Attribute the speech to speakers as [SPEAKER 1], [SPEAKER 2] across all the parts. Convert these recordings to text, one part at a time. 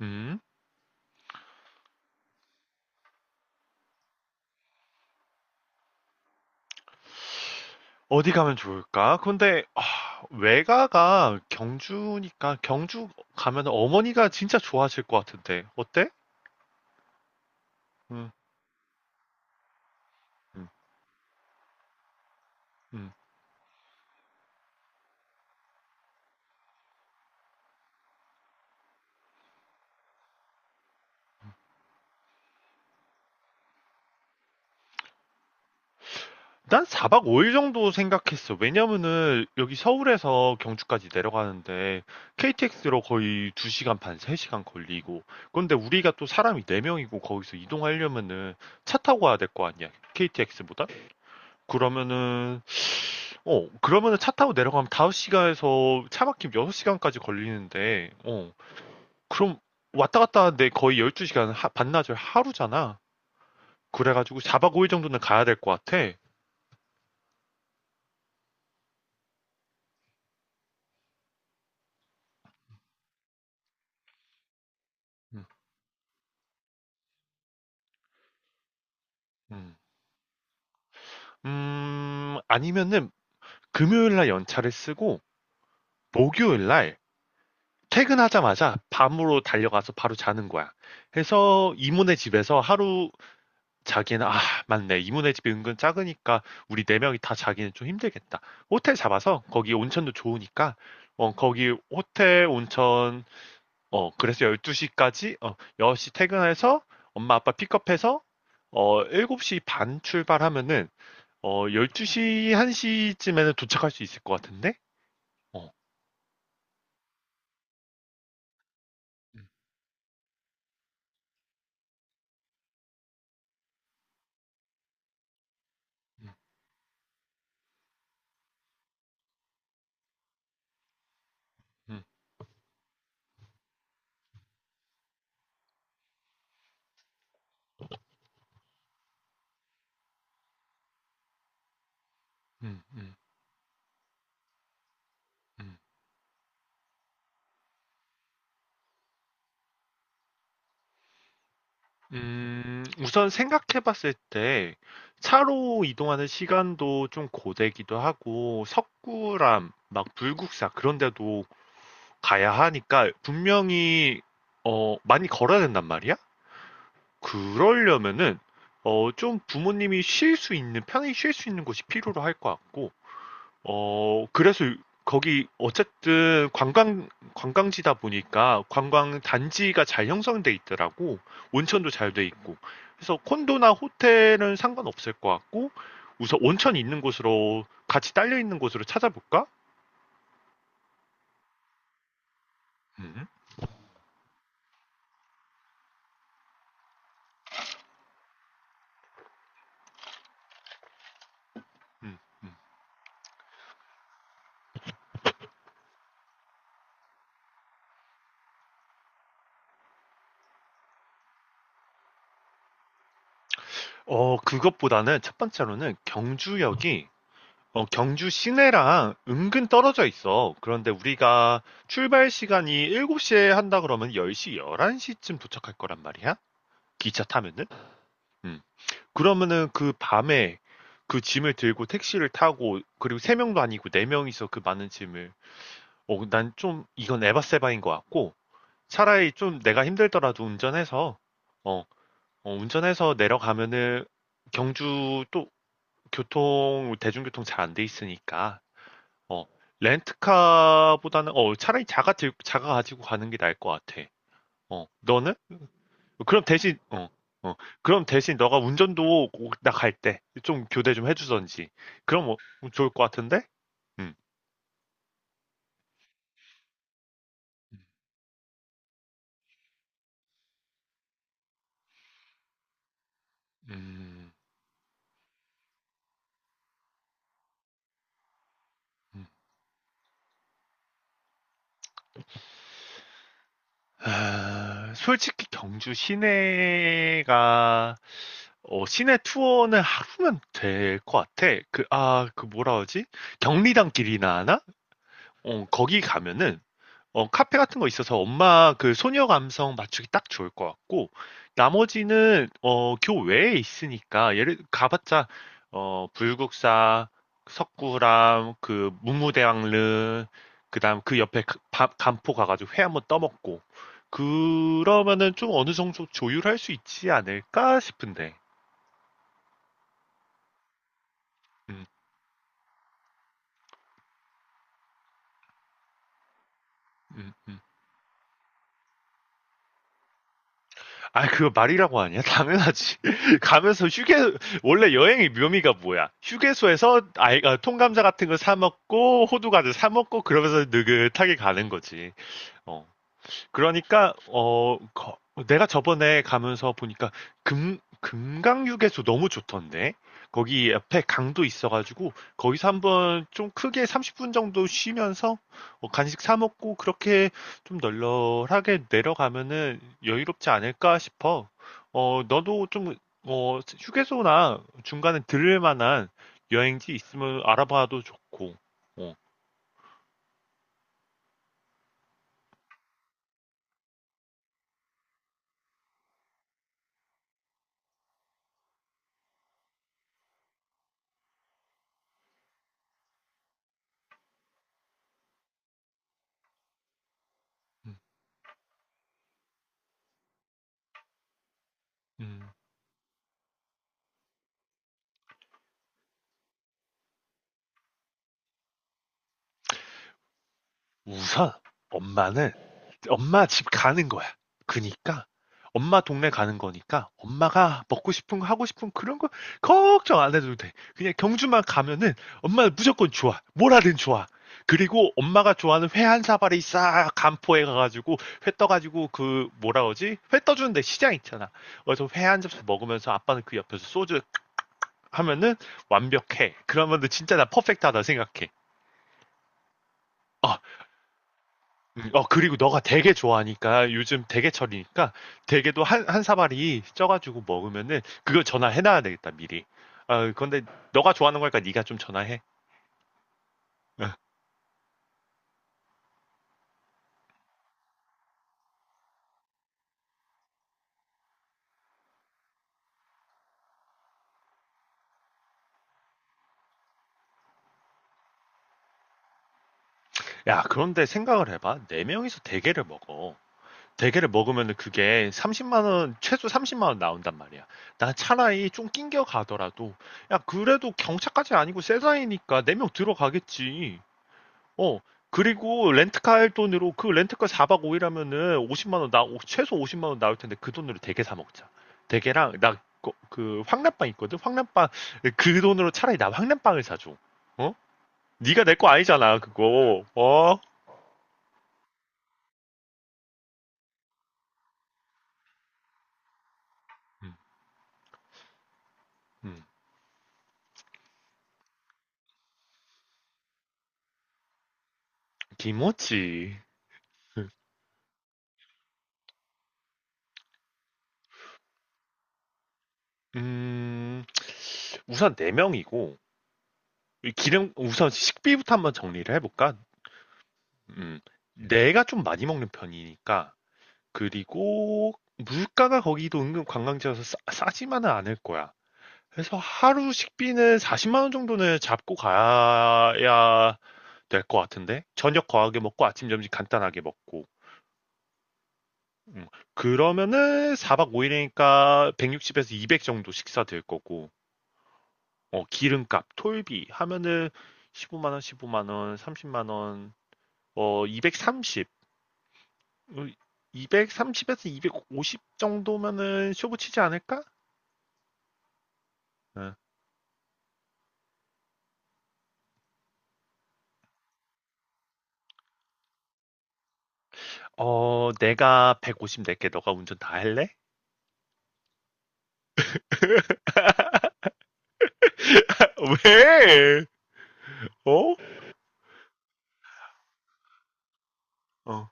[SPEAKER 1] 음, 어디 가면 좋을까? 근데, 아, 외가가 경주니까, 경주 가면 어머니가 진짜 좋아하실 것 같은데, 어때? 음, 음, 음. 난 4박 5일 정도 생각했어. 왜냐면은, 여기 서울에서 경주까지 내려가는데, KTX로 거의 2시간 반, 3시간 걸리고, 근데 우리가 또 사람이 4명이고, 거기서 이동하려면은, 차 타고 와야 될 거 아니야, KTX보다? 그러면은, 그러면은 차 타고 내려가면 5시간에서 차 막히면 6시간까지 걸리는데, 그럼 왔다 갔다 하는데 거의 12시간, 반나절 하루잖아. 그래가지고 4박 5일 정도는 가야 될 것 같아. 음, 음. 아니면은 금요일 날 연차를 쓰고, 목요일 날 퇴근하자마자 밤으로 달려가서 바로 자는 거야. 해서 이모네 집에서 하루, 자기는 '아 맞네. 이모네 집이 은근 작으니까 우리 네 명이 다 자기는 좀 힘들겠다.' 호텔 잡아서 거기 온천도 좋으니까 거기 호텔 온천 그래서 12시 시까지 어1시 퇴근해서 엄마 아빠 픽업해서 어7시 반 출발하면은 1 2시한1 쯤에는 도착할 수 있을 것 같은데? 어. 음 음 음 음 음. 음. 우선 생각해 봤을 때 차로 이동하는 시간도 좀 고되기도 하고 석굴암, 막 불국사 그런 데도 가야 하니까 분명히 많이 걸어야 된단 말이야? 그러려면은 좀 부모님이 쉴 수 있는 편히 쉴 수 있는 곳이 필요로 할 것 같고 그래서 거기 어쨌든 관광지다 보니까 관광 단지가 잘 형성돼 있더라고. 온천도 잘 돼 있고. 그래서 콘도나 호텔은 상관없을 것 같고, 우선 온천 있는 곳으로, 같이 딸려 있는 곳으로 찾아볼까? 음, 음, 음. 그것보다는 첫 번째로는 경주역이, 경주 시내랑 은근 떨어져 있어. 그런데 우리가 출발 시간이 7시에 한다 그러면 10시, 11시쯤 도착할 거란 말이야. 기차 타면은? 음. 그러면은 그 밤에 그 짐을 들고 택시를 타고 그리고 세 명도 아니고 네 명이서 그 많은 짐을 난 좀 이건 에바세바인 것 같고 차라리 좀 내가 힘들더라도 어, 운전해서 내려가면은 경주 또 교통 대중교통 잘 안 돼 있으니까 어, 렌트카보다는 차라리 자가 가지고 가는 게 나을 것 같아. 너는? 그럼 대신 어, 어. 그럼 대신 너가 운전도 나갈 때 좀 교대 좀 해주던지. 그럼 좋을 것 같은데? 음. 음. 음. 아, 솔직히 시내 투어는 하루면 될 것 같아. 그, 아, 그 뭐라 하지? 경리단 길이나 하나? 거기 가면은 카페 같은 거 있어서 엄마 그 소녀 감성 맞추기 딱 좋을 것 같고 나머지는 교외에 있으니까 예를 가봤자 불국사, 석굴암, 그 문무대왕릉 그다음 그 옆에 간포 가가지고 회 한번 떠먹고 그러면은 좀 어느 정도 조율할 수 있지 않을까 싶은데. 음, 음, 음. 아, 그거 말이라고 하냐? 당연하지. 가면서 휴게, 원래 여행의 묘미가 뭐야? 휴게소에서 아이가 통감자 같은 거 사먹고, 호두과자 사먹고, 그러면서 느긋하게 가는 거지. 어. 그러니까 내가 저번에 가면서 보니까 금 금강휴게소 너무 좋던데 거기 옆에 강도 있어가지고 거기서 한번 좀 크게 30분 정도 쉬면서 간식 사 먹고 그렇게 좀 널널하게 내려가면은 여유롭지 않을까 싶어. 너도 좀 휴게소나 중간에 들을 만한 여행지 있으면 알아봐도 좋고. 어, 음, 음. 우선 엄마는 엄마 집 가는 거야. 그니까 엄마 동네 가는 거니까 엄마가 먹고 싶은 거 하고 싶은 그런 거 걱정 안 해도 돼. 그냥 경주만 가면은 엄마 무조건 좋아. 뭐라든 좋아. 그리고 엄마가 좋아하는 회 한 사발이 싹 간포에 가가지고 회 떠가지고 그 뭐라 그러지? 회 떠주는데 시장 있잖아. 그래서 회 한 접시 먹으면서 아빠는 그 옆에서 소주 하면은 완벽해. 그러면은 진짜 나 퍼펙트하다 생각해. 어, 그리고 너가 대게 좋아하니까 요즘 대게철이니까 대게도 한, 한 사발이 쪄가지고 먹으면은 그걸 전화해놔야 되겠다, 미리. 근데 너가 좋아하는 거니까 네가 좀 전화해. 어. 야, 그런데 생각을 해봐. 네 명이서 대게를 먹어. 대게를 먹으면은 그게 30만 원, 최소 30만 원 나온단 말이야. 나 차라리 좀 낑겨 가더라도, 야, 그래도 경차까지 아니고 세사이니까 네 명 들어가겠지. 어, 그리고 렌트카 할 돈으로 그 렌트카 4박 5일 하면은 50만 원 최소 50만 원 나올 텐데 그 돈으로 대게 사 먹자. 대게랑 나 그 황남빵 있거든. 황남빵 그 돈으로 차라리 나 황남빵을 사줘. 어? 네가 내 거 아니잖아 그거. 어? 음, 음. 김치. 음, 우선 4명이고 기름 우선 식비부터 한번 정리를 해볼까? 음, 내가 좀 많이 먹는 편이니까 그리고 물가가 거기도 은근 관광지여서 싸, 지만은 않을 거야. 그래서 하루 식비는 40만 원 정도는 잡고 가야 될 것 같은데 저녁 거하게 먹고 아침 점심 간단하게 먹고 음, 그러면은 4박 5일이니까 160에서 200 정도 식사 될 거고 기름값, 톨비 하면은 15만 원, 15만 원, 30만 원, 230, 230에서 250 정도면은 쇼부 치지 않을까? 어. 내가 150 낼게. 너가 운전 다 할래? 왜? 어? 어.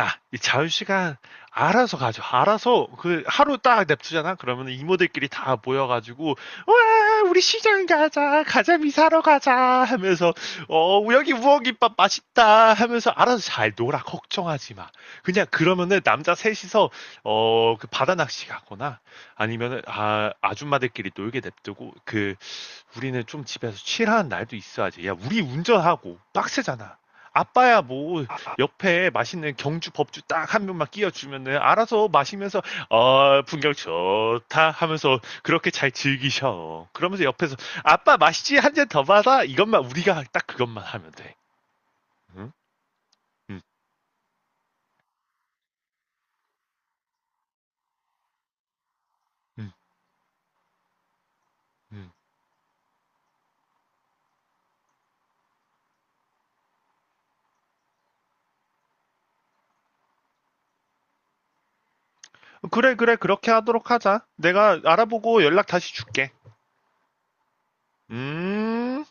[SPEAKER 1] 야, 이 자유시간 알아서 가죠. 알아서 그 하루 딱 냅두잖아. 그러면 이모들끼리 다 모여가지고 와 우리 시장 가자 가자미 사러 가자 하면서 여기 우엉김밥 맛있다 하면서 알아서 잘 놀아 걱정하지 마. 그냥 그러면은 남자 셋이서 어 그 바다 낚시 가거나 아니면은 아 아줌마들끼리 놀게 냅두고 그 우리는 좀 집에서 칠하는 날도 있어야지. 야 우리 운전하고 빡세잖아. 아빠야 뭐 옆에 맛있는 경주 법주 딱 한 병만 끼워주면은 알아서 마시면서 풍경 좋다 하면서 그렇게 잘 즐기셔. 그러면서 옆에서 아빠 마시지 한 잔 더 받아 이것만 우리가 딱 그것만 하면 돼. 응? 응, 응, 응. 그래 그래 그렇게 하도록 하자. 내가 알아보고 연락 다시 줄게. 음.